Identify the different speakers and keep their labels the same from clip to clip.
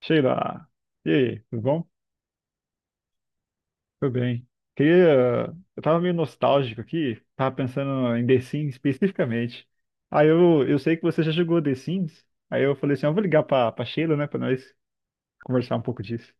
Speaker 1: Sheila, e aí, tudo bom? Tudo bem. Queria, eu tava meio nostálgico aqui, tava pensando em The Sims especificamente. Aí eu sei que você já jogou The Sims, aí eu falei assim, "Ah, eu vou ligar pra Sheila, né, pra nós conversar um pouco disso."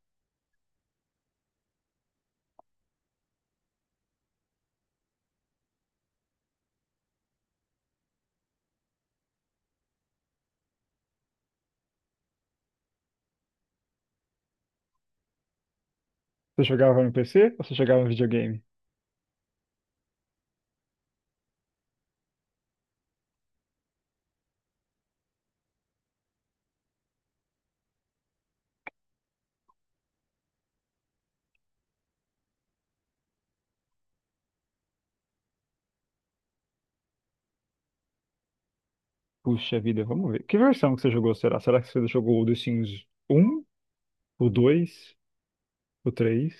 Speaker 1: Você jogava no PC ou você jogava no videogame? Puxa vida, vamos ver. Que versão que você jogou, será? Será que você jogou o The Sims um, o 2, o 3?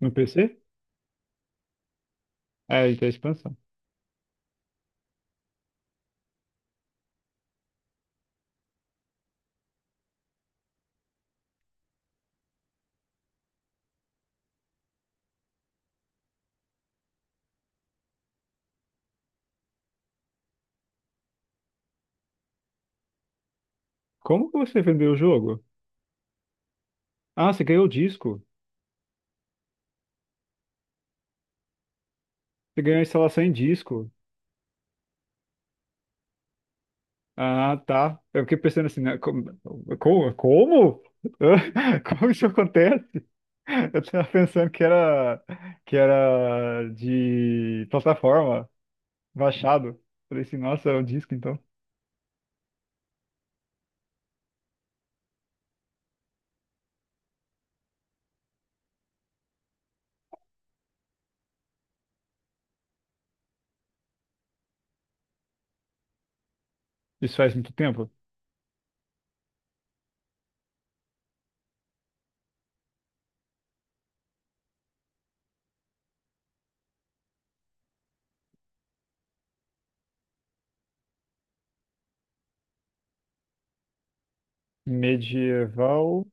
Speaker 1: No PC? É, então é a expansão. Como que você vendeu o jogo? Ah, você ganhou o disco. Você ganhou a instalação em disco. Ah, tá. Eu fiquei pensando assim, né, como? Como? Como, hã? Como isso acontece? Eu tava pensando que era de plataforma, baixado. Falei assim, nossa, é um disco então. Isso faz muito tempo. Medieval.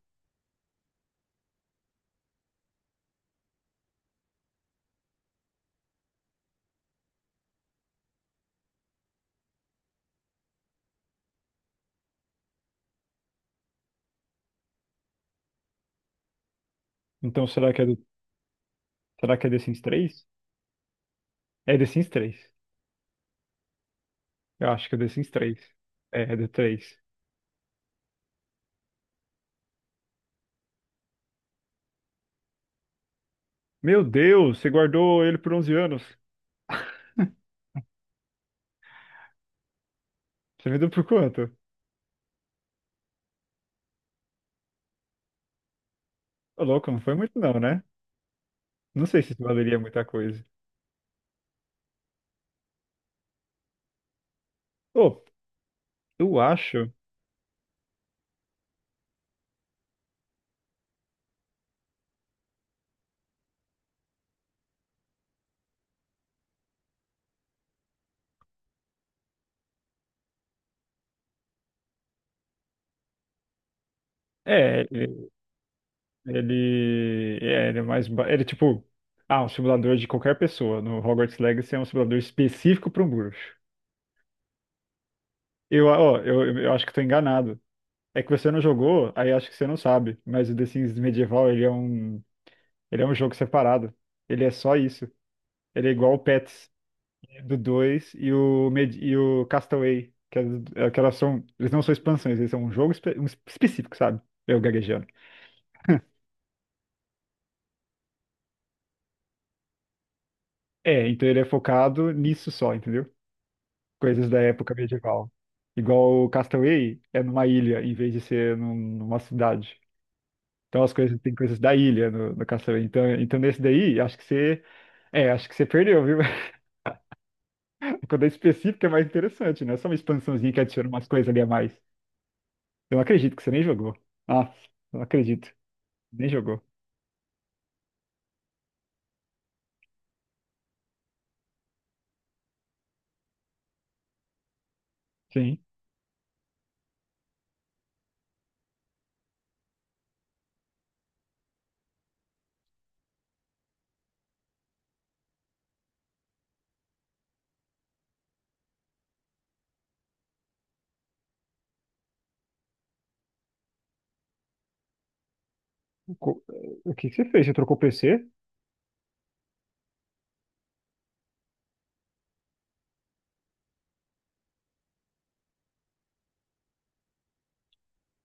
Speaker 1: Então, será que é The Sims 3? É The Sims 3. Eu acho que é The Sims três. É, do 3. Meu Deus, você guardou ele por 11 anos. Você vendeu por quanto? Ô, louco, não foi muito não, né? Não sei se isso valeria muita coisa. Ô, eu acho. É, ele é mais. Ele, é tipo. Ah, um simulador de qualquer pessoa. No Hogwarts Legacy é um simulador específico para um bruxo. Ó, eu acho que tô enganado. É que você não jogou, aí acho que você não sabe. Mas o The Sims Medieval, ele é um jogo separado. Ele é só isso. Ele é igual o Pets do 2 e o Castaway. Que, que elas são, eles não são expansões, eles são um jogo um específico, sabe? Eu gaguejando. É, então ele é focado nisso só, entendeu? Coisas da época medieval. Igual o Castaway é numa ilha em vez de ser numa cidade. Então as coisas tem coisas da ilha no Castaway. Então, nesse daí, acho que você perdeu, viu? Quando é específico é mais interessante, né? Só uma expansãozinha que adiciona umas coisas ali a mais. Eu não acredito que você nem jogou. Ah, não acredito. Nem jogou. Sim. O co- o que que você fez? Você trocou o PC?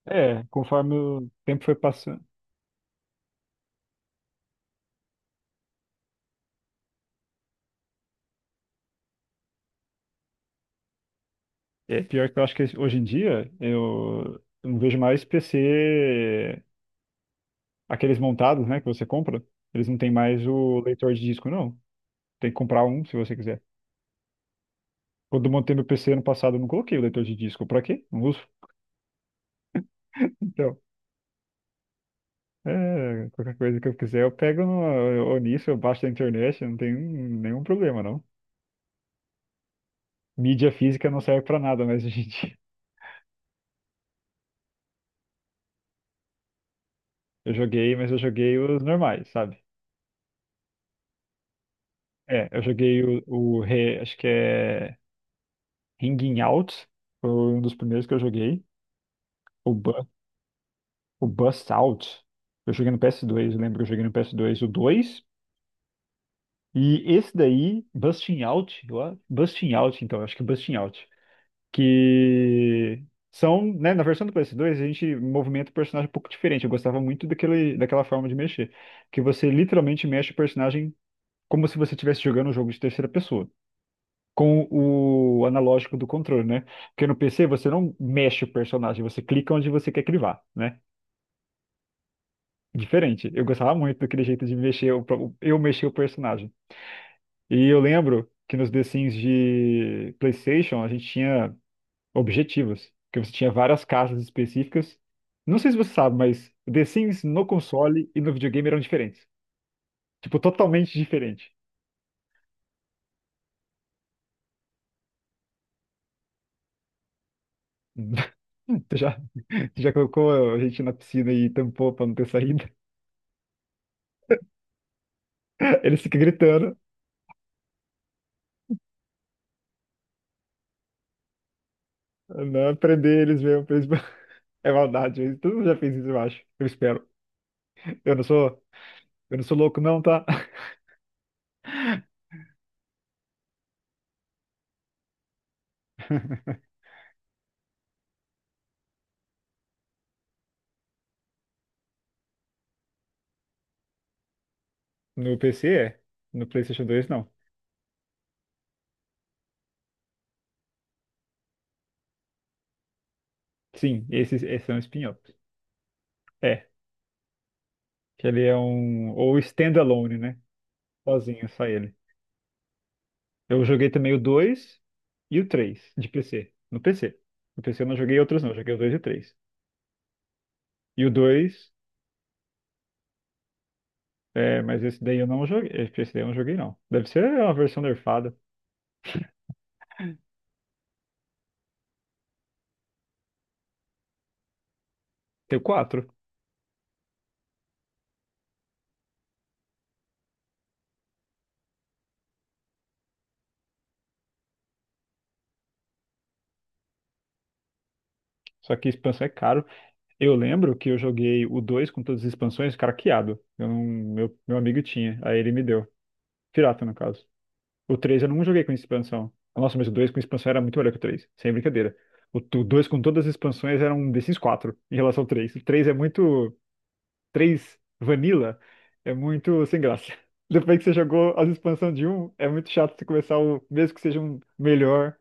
Speaker 1: É, conforme o tempo foi passando. É, pior que eu acho que hoje em dia eu não vejo mais PC. Aqueles montados, né, que você compra, eles não têm mais o leitor de disco, não. Tem que comprar um se você quiser. Quando eu montei meu PC ano passado, eu não coloquei o leitor de disco. Pra quê? Não uso. Então, é, qualquer coisa que eu quiser, eu pego no, ou nisso, eu baixo da internet, não tem nenhum problema, não. Mídia física não serve pra nada, mas, gente, eu joguei, mas eu joguei os normais, sabe? É, eu joguei o acho que é Ringing Out, foi um dos primeiros que eu joguei. O O Bust Out. Eu joguei no PS2, eu lembro que eu joguei no PS2 o 2. E esse daí, Busting Out, eu acho. Busting Out, então, acho que é Busting Out. Que são, né, na versão do PS2, a gente movimenta o personagem um pouco diferente. Eu gostava muito daquele, daquela forma de mexer. Que você literalmente mexe o personagem como se você estivesse jogando um jogo de terceira pessoa. Com o analógico do controle, né? Porque no PC você não mexe o personagem, você clica onde você quer que ele vá, né? Diferente. Eu gostava muito daquele jeito de mexer, eu mexer o personagem. E eu lembro que nos The Sims de PlayStation a gente tinha objetivos, que você tinha várias casas específicas. Não sei se você sabe, mas The Sims no console e no videogame eram diferentes. Tipo, totalmente diferente. Tu já, tu já colocou a gente na piscina e tampou pra não ter saída? Eles ficam gritando, não prender eles mesmo. É maldade, todo mundo já fez isso, eu acho. Eu espero. Eu não sou, eu não sou louco, não, tá? No PC é. No PlayStation 2 não. Sim, esses são spin-offs. É, que ele é um. Ou standalone, né? Sozinho, só ele. Eu joguei também o 2 e o três de PC. No PC. No PC eu não joguei outros, não. Eu joguei o 2 e o 3. E o 2 é, mas esse daí eu não joguei. Esse daí eu não joguei, não. Deve ser uma versão nerfada. Tem o 4. Só que a expansão é caro. Eu lembro que eu joguei o 2 com todas as expansões craqueado. Eu não- meu amigo tinha. Aí ele me deu. Pirata, no caso. O três eu não joguei com expansão. Nossa, mas o 2 com expansão era muito melhor que o três. Sem brincadeira. O t- o 2 com todas as expansões era um The Sims 4 em relação ao três. O 3 é muito. Três Vanilla é muito sem graça. Depois que você jogou as expansões de um, é muito chato você começar o. Mesmo que seja um melhor,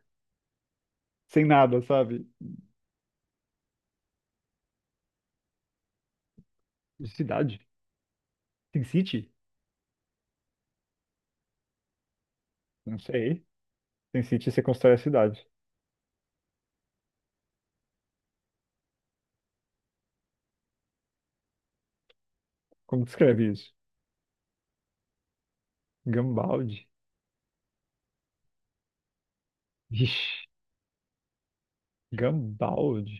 Speaker 1: sem nada, sabe? Cidade? Tem City? Não sei. Tem City você constrói a cidade. Como descreve isso? Gambaldi? Vixe, Gambaldi?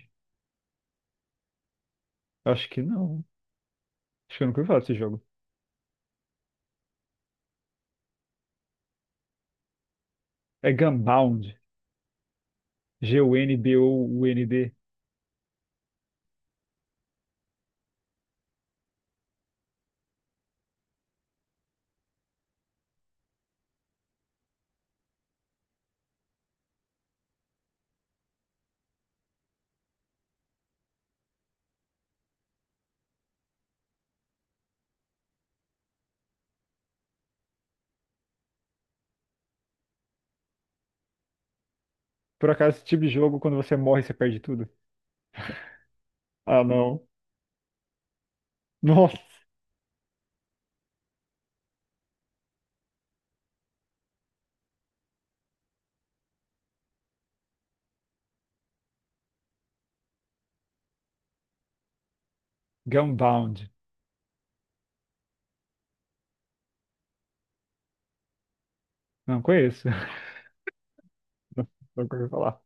Speaker 1: Acho que não. Acho que eu nunca ouvi falar desse jogo. É Gunbound. Gunbound. Por acaso, esse tipo de jogo, quando você morre, você perde tudo? Ah, não. Nossa. Gunbound. Não conheço. Não, nunca ouvi falar.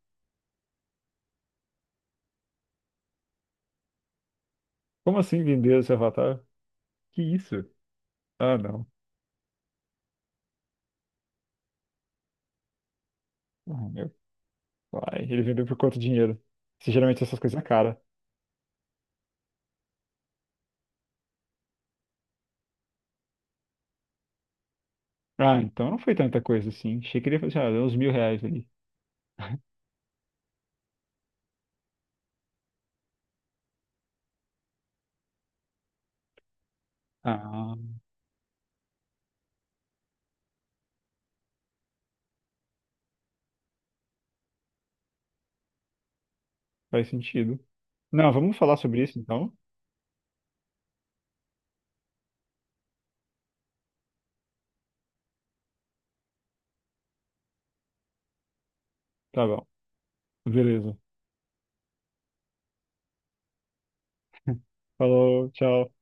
Speaker 1: Como assim vender esse avatar? Que isso? Ah, não. Ah, meu pai. Ele vendeu por quanto dinheiro? Se geralmente essas coisas é cara. Ah, então não foi tanta coisa assim. Achei que ele ia fazer, ah, uns mil reais ali. Ah, faz sentido. Não, vamos falar sobre isso então? Tá bom. Beleza. Falou, tchau.